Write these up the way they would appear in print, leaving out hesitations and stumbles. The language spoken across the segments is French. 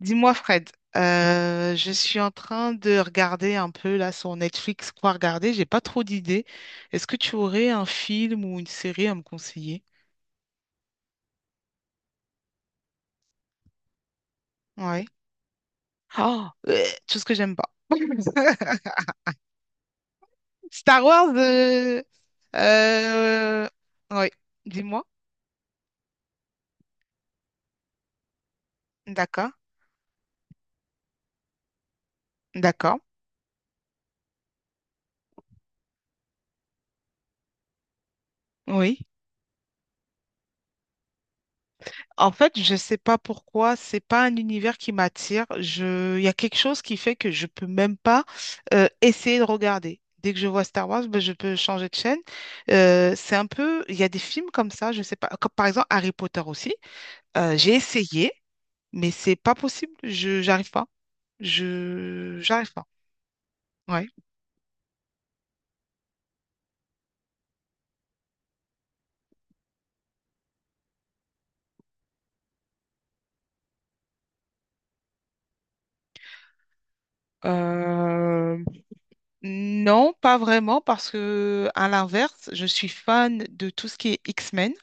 Dis-moi, Fred, je suis en train de regarder un peu là sur Netflix quoi regarder. J'ai pas trop d'idées. Est-ce que tu aurais un film ou une série à me conseiller? Ouais. Oh, euh, tout ce que j'aime pas. Star Wars. Euh, Ouais. Dis-moi. D'accord. D'accord. Oui. En fait, je sais pas pourquoi, c'est pas un univers qui m'attire. Il y a quelque chose qui fait que je peux même pas essayer de regarder. Dès que je vois Star Wars, ben, je peux changer de chaîne. C'est un peu, il y a des films comme ça, je sais pas. Comme par exemple Harry Potter aussi. J'ai essayé, mais c'est pas possible. J'arrive pas. J'arrive pas. Ouais. Euh, non, pas vraiment, parce que à l'inverse, je suis fan de tout ce qui est X-Men,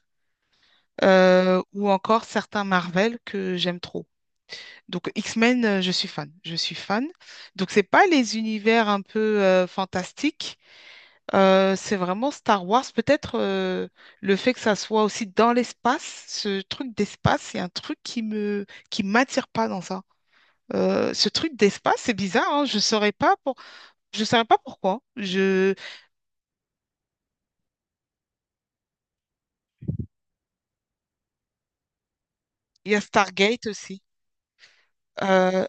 ou encore certains Marvel que j'aime trop. Donc X-Men, je suis fan, je suis fan. Donc c'est pas les univers un peu fantastiques, c'est vraiment Star Wars. Peut-être le fait que ça soit aussi dans l'espace, ce truc d'espace, c'est un truc qui m'attire pas dans ça. Ce truc d'espace, c'est bizarre, hein, je saurais pas pourquoi. Je... Il y a Stargate aussi. Euh,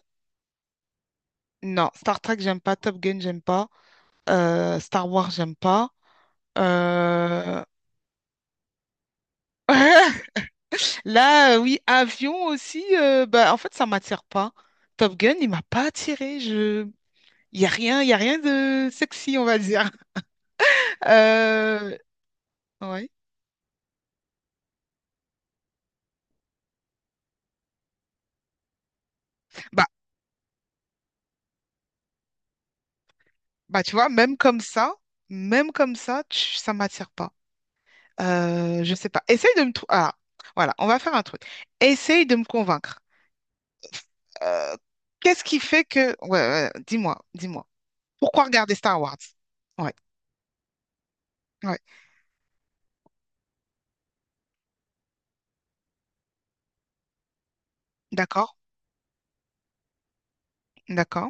non, Star Trek, j'aime pas. Top Gun, j'aime pas, Star Wars, j'aime pas. Euh, Là, oui, avion aussi, bah, en fait, ça m'attire pas. Top Gun, il m'a pas attiré. Je... Il y a rien, il y a rien de sexy, on va dire. Euh, ouais. Bah, bah, tu vois, même comme ça, ça m'attire pas. Je sais pas. Essaye de me trouver. Ah, voilà, on va faire un truc. Essaye de me convaincre. Euh, qu'est-ce qui fait que... Ouais, ouais, dis-moi, dis-moi. Pourquoi regarder Star Wars? Ouais, ouais. D'accord, d'accord.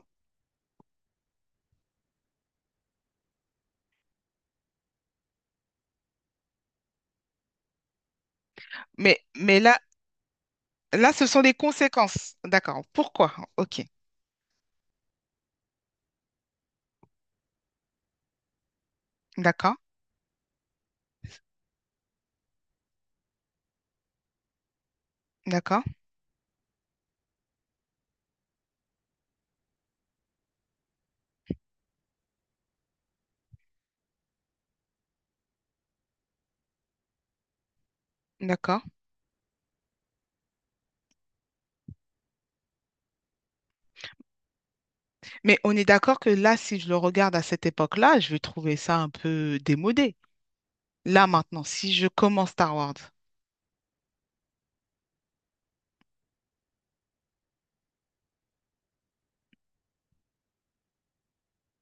Mais là, là, ce sont des conséquences. D'accord. Pourquoi? Ok. D'accord. D'accord. D'accord. Mais on est d'accord que là, si je le regarde à cette époque-là, je vais trouver ça un peu démodé. Là, maintenant, si je commence Star Wars.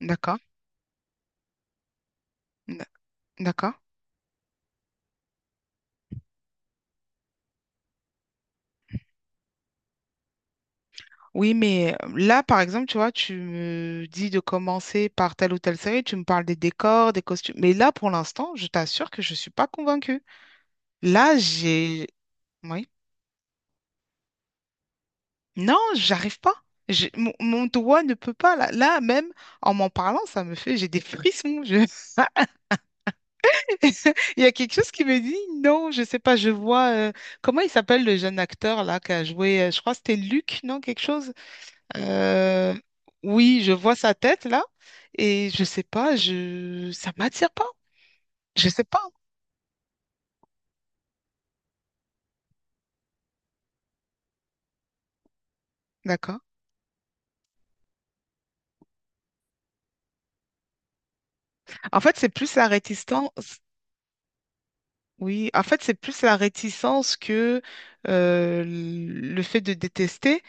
D'accord. N- D'accord. Oui, mais là, par exemple, tu vois, tu me dis de commencer par telle ou telle série, tu me parles des décors, des costumes. Mais là, pour l'instant, je t'assure que je ne suis pas convaincue. Là, j'ai... Oui. Non, j'arrive pas. Mon doigt ne peut pas. Là, même en m'en parlant, ça me fait... J'ai des frissons. Il y a quelque chose qui me dit non, je sais pas, Comment il s'appelle le jeune acteur là qui a joué... Je crois que c'était Luc, non? Quelque chose. Euh, Oui, je vois sa tête là. Et je sais pas, je... ça m'attire pas. Je sais pas. D'accord. En fait, c'est plus la réticence. Oui, en fait, c'est plus la réticence que le fait de détester.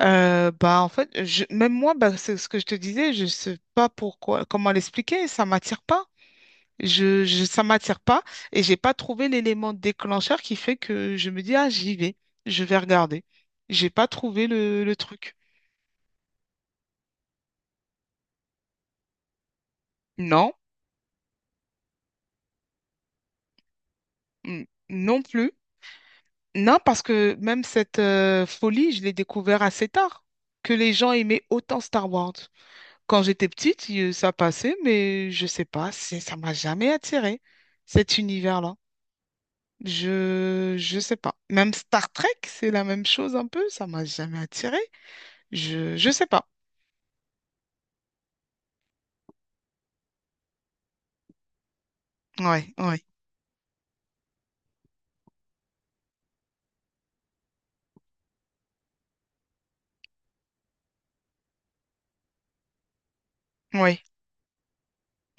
Bah, en fait, même moi, bah, c'est ce que je te disais, je sais pas pourquoi, comment l'expliquer, ça m'attire pas. Ça m'attire pas et j'ai pas trouvé l'élément déclencheur qui fait que je me dis, ah, j'y vais, je vais regarder. J'ai pas trouvé le truc. Non, non plus. Non, parce que même cette folie, je l'ai découvert assez tard, que les gens aimaient autant Star Wars. Quand j'étais petite, ça passait, mais je sais pas, ça m'a jamais attiré, cet univers-là. Je sais pas. Même Star Trek, c'est la même chose un peu, ça m'a jamais attiré. Je sais pas. Ouais, ouais, ouais,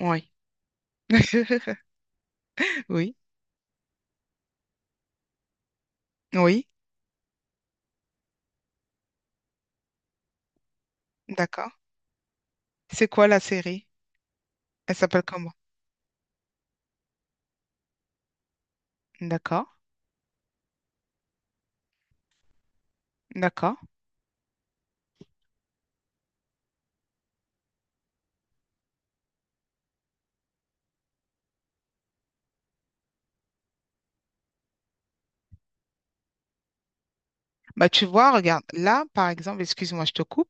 ouais. Oui, oui, d'accord. C'est quoi la série? Elle s'appelle comment? D'accord, d'accord. Bah tu vois, regarde, là, par exemple, excuse-moi, je te coupe.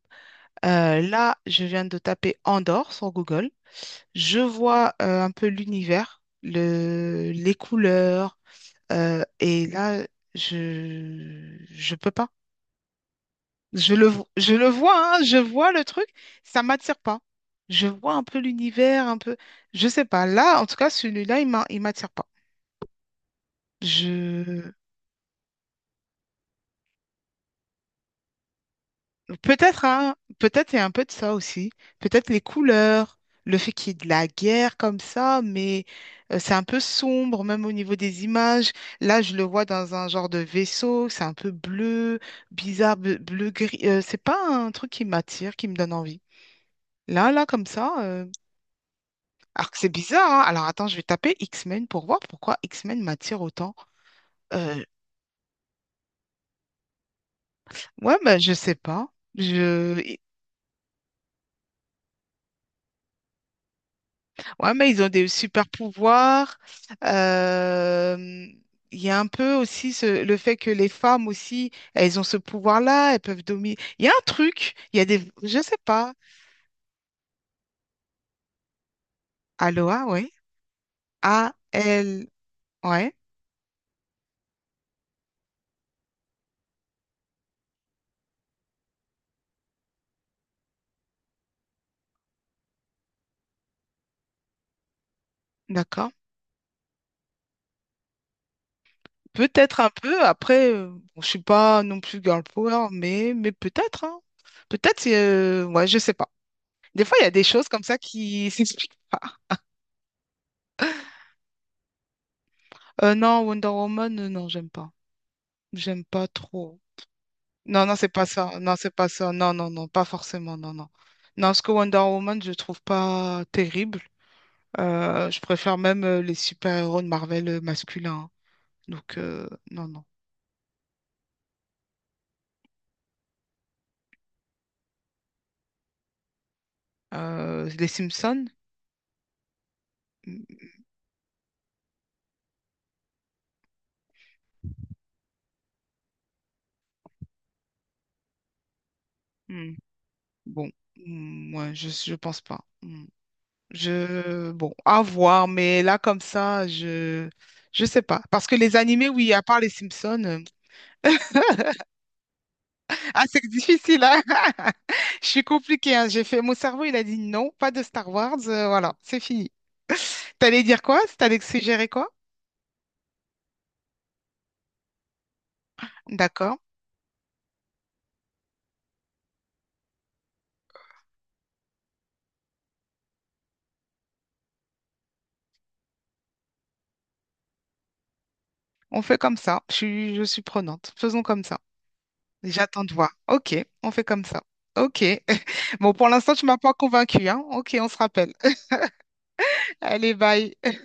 Là, je viens de taper Andorre sur Google. Je vois un peu l'univers, les couleurs, et là, je peux pas. Je le vois, hein, je vois le truc, ça m'attire pas. Je vois un peu l'univers, un peu, je sais pas. Là, en tout cas, celui-là, il m'attire pas. Je Peut-être, hein, peut-être il y a un peu de ça aussi. Peut-être les couleurs, le fait qu'il y ait de la guerre comme ça, mais c'est un peu sombre, même au niveau des images. Là, je le vois dans un genre de vaisseau, c'est un peu bleu, bizarre, bleu, bleu gris. C'est pas un truc qui m'attire, qui me donne envie. Là, comme ça, alors que c'est bizarre, hein. Alors attends, je vais taper X-Men pour voir pourquoi X-Men m'attire autant. Euh, Ouais, bah, je sais pas. Je... Ouais, mais ils ont des super pouvoirs. Euh, Il y a un peu aussi le fait que les femmes aussi, elles ont ce pouvoir-là, elles peuvent dominer. Il y a un truc, il y a des... Je sais pas. Aloha, ouais. A, L, ouais, d'accord. Peut-être un peu, après, bon, je suis pas non plus girl power, mais peut-être, hein. Peut-être, ouais, je sais pas. Des fois, il y a des choses comme ça qui s'expliquent pas. Non, Wonder Woman, non, j'aime pas. J'aime pas trop. Non, non, c'est pas ça. Non, c'est pas ça. Non, non, non, pas forcément. Non, non. Non, parce que Wonder Woman, je trouve pas terrible. Je préfère même les super-héros de Marvel masculins, hein. Donc, non, non. Les Simpsons? Hmm, hmm, Bon, Hmm, ouais, je pense pas. Hmm. Je, bon, à voir, mais là, comme ça, je sais pas. Parce que les animés, oui, à part les Simpsons, Ah, c'est difficile, hein? Je suis compliquée, hein. J'ai fait... Mon cerveau, il a dit non, pas de Star Wars, voilà, c'est fini. T'allais dire quoi? T'allais suggérer quoi? D'accord. On fait comme ça. Je suis prenante. Faisons comme ça. J'attends de voir. OK, on fait comme ça. OK. Bon, pour l'instant, tu m'as pas convaincue, hein? OK, on se rappelle. Allez, bye.